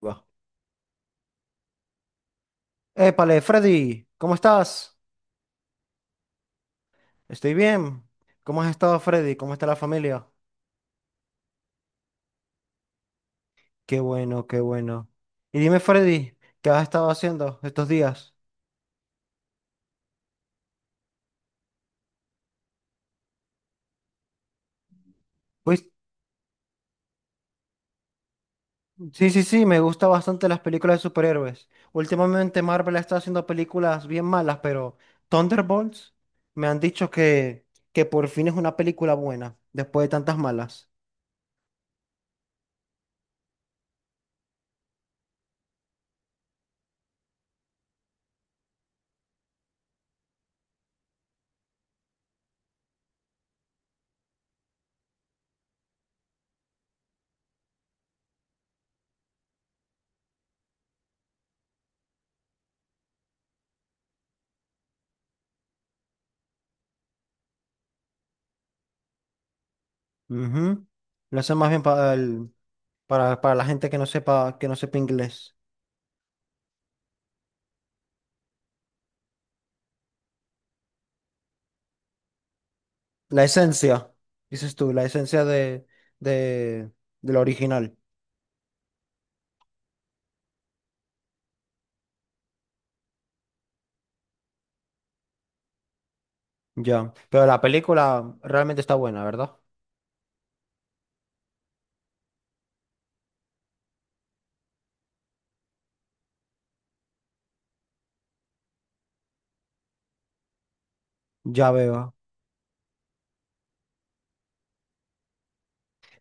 Va. Épale, Freddy, ¿cómo estás? Estoy bien. ¿Cómo has estado, Freddy? ¿Cómo está la familia? Qué bueno, qué bueno. Y dime, Freddy, ¿qué has estado haciendo estos días? Pues sí, sí, sí, me gustan bastante las películas de superhéroes. Últimamente Marvel está haciendo películas bien malas, pero Thunderbolts me han dicho que por fin es una película buena, después de tantas malas. Ujú. Lo hacen más bien para la gente que no sepa inglés. La esencia, dices tú, la esencia de, del original. Ya. Pero la película realmente está buena, ¿verdad? Ya veo.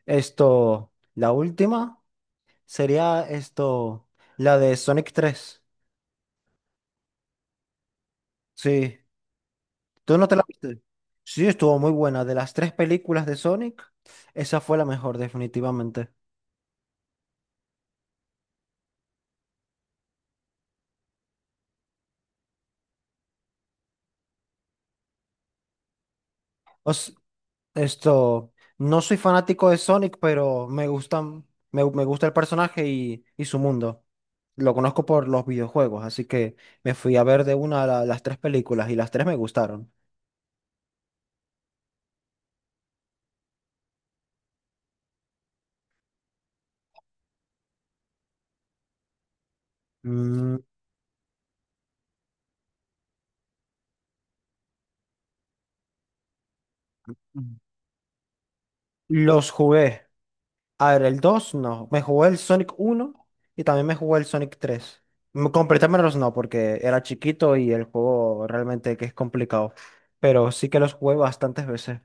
Esto, la última sería esto, la de Sonic tres. Sí. ¿Tú no te la viste? Sí, estuvo muy buena. De las tres películas de Sonic, esa fue la mejor, definitivamente. Os esto, no soy fanático de Sonic, pero me gustan, me gusta el personaje y su mundo. Lo conozco por los videojuegos, así que me fui a ver las tres películas y las tres me gustaron. Mm, los jugué. A ver, el 2 no. Me jugué el Sonic uno y también me jugué el Sonic tres. Completármelos no, porque era chiquito y el juego realmente que es complicado. Pero sí que los jugué bastantes veces.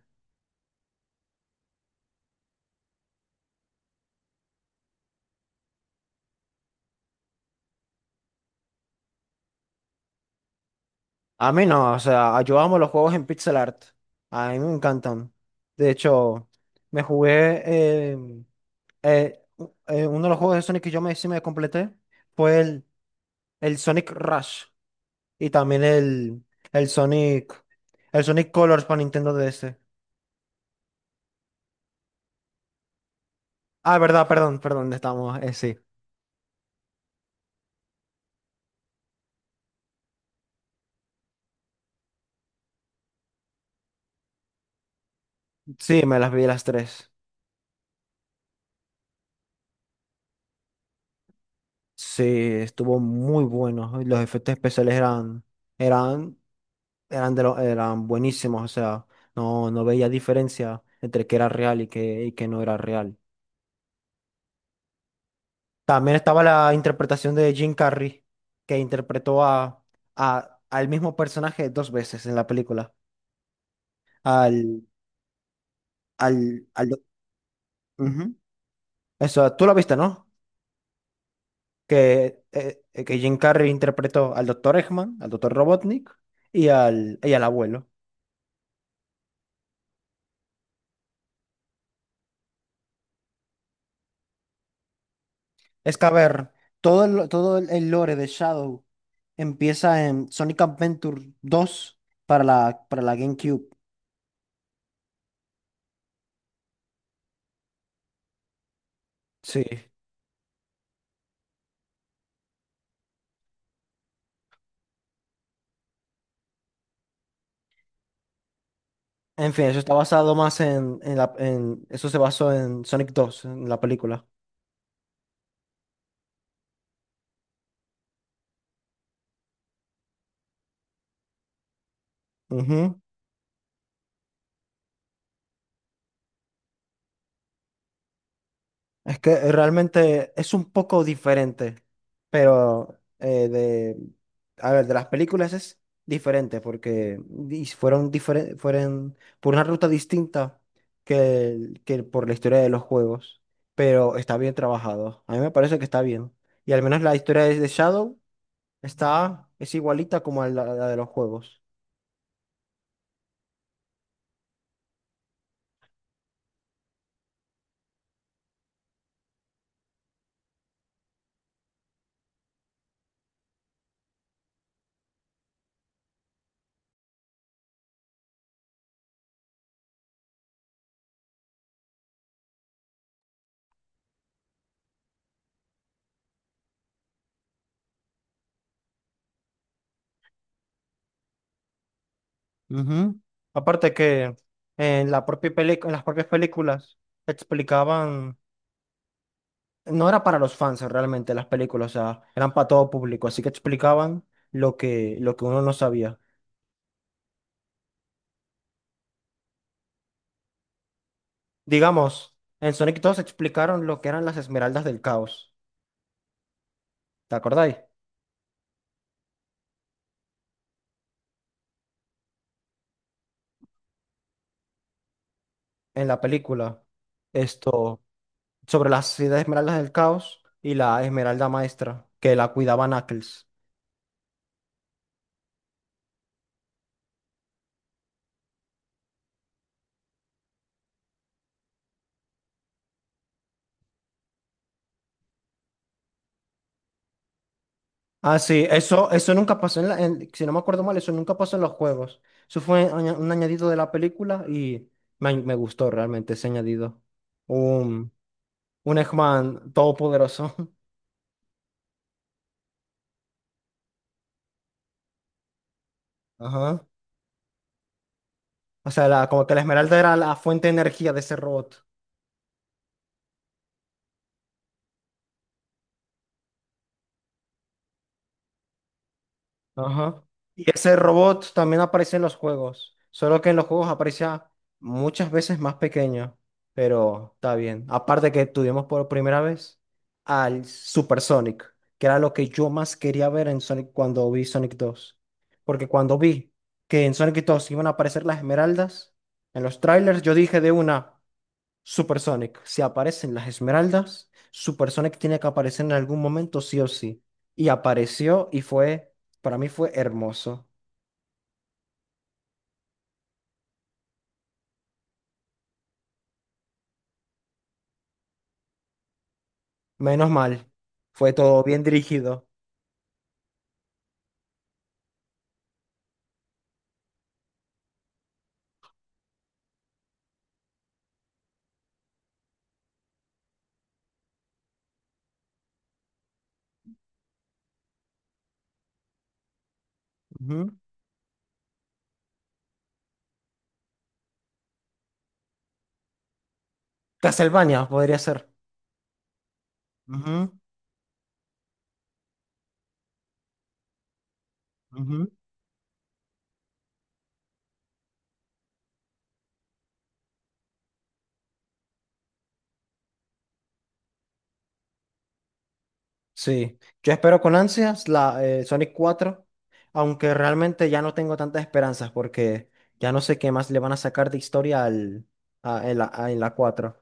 A mí no, o sea, yo amo los juegos en pixel art. A mí me encantan. De hecho, me jugué. eh, Uno de los juegos de Sonic que yo me, sí me completé fue el Sonic Rush y también el Sonic, el Sonic Colors para Nintendo DS. Ah, verdad, perdón, perdón, estamos, sí. Sí, me las vi las tres. Sí, estuvo muy bueno. Y los efectos especiales eran, eran, eran buenísimos. O sea, no, no veía diferencia entre que era real y que no era real. También estaba la interpretación de Jim Carrey, que interpretó a, al mismo personaje dos veces en la película. Al, al, al doc- Ujú. Eso, tú lo viste, ¿no? Que Jim Carrey interpretó al doctor Eggman, al doctor Robotnik y al abuelo. Es que, a ver, todo el lore de Shadow empieza en Sonic Adventure dos para la GameCube. Sí. En fin, eso está basado más en la, en, eso se basó en Sonic 2, en la película. Ujú. Es que realmente es un poco diferente, pero de, a ver, de las películas es diferente fueron fueron por una ruta distinta que por la historia de los juegos, pero está bien trabajado. A mí me parece que está bien. Y al menos la historia de Shadow está, es igualita como a la la de los juegos. Ujú. Aparte que en las propias películas explicaban, no era para los fans realmente las películas, o sea, eran para todo público, así que explicaban lo que uno no sabía. Digamos, en Sonic 2 explicaron lo que eran las esmeraldas del caos, ¿te acordáis? En la película, esto, sobre las siete esmeraldas del caos y la esmeralda maestra, que la cuidaba Knuckles. Ah, sí, eso nunca pasó en la, si no me acuerdo mal, eso nunca pasó en los juegos. Un añadido de la película y me gustó realmente ese añadido. Un, un Eggman todopoderoso. Ajá. O sea, como que la esmeralda era la fuente de energía de ese robot. Ajá. Y ese robot también aparece en los juegos, solo que en los juegos aparece muchas veces más pequeño, pero está bien. Aparte que tuvimos por primera vez al Super Sonic, que era lo que yo más quería ver en Sonic cuando vi Sonic dos. Porque cuando vi que en Sonic 2 iban a aparecer las esmeraldas en los trailers, yo dije de una. Super Sonic, si aparecen las esmeraldas, Super Sonic tiene que aparecer en algún momento sí o sí. Y apareció y fue, para mí fue hermoso. Menos mal, fue todo bien dirigido. Ujú. Castlevania podría ser. Ujú, ujú. Sí, yo espero con ansias la Sonic cuatro, aunque realmente ya no tengo tantas esperanzas porque ya no sé qué más le van a sacar de historia al, en la, en la 4.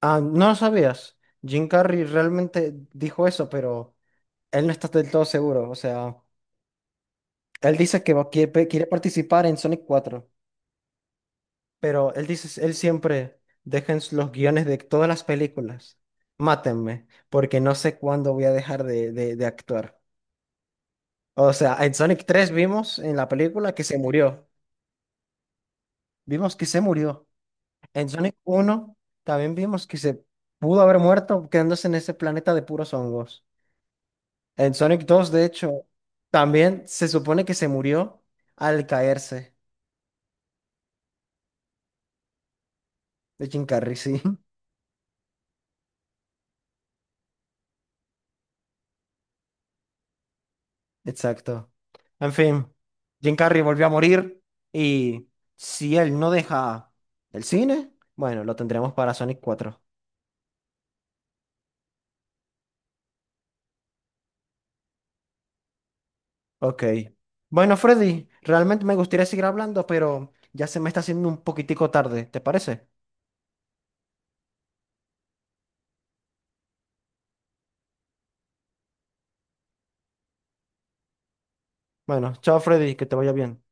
Ah, no lo sabías. Jim Carrey realmente dijo eso, pero él no está del todo seguro. O sea, él dice quiere, quiere participar en Sonic cuatro, pero él dice, él siempre deja en los guiones de todas las películas. Mátenme, porque no sé cuándo voy a dejar de, de actuar. O sea, en Sonic tres vimos en la película que se murió. Vimos que se murió. En Sonic uno también vimos que se pudo haber muerto quedándose en ese planeta de puros hongos. En Sonic 2, de hecho, también se supone que se murió al caerse de Jim Carrey, sí, exacto. En fin, Jim Carrey volvió a morir y si él no deja el cine, bueno, lo tendremos para Sonic cuatro. Ok. Bueno, Freddy, realmente me gustaría seguir hablando, pero ya se me está haciendo un poquitico tarde, ¿te parece? Bueno, chao Freddy, que te vaya bien.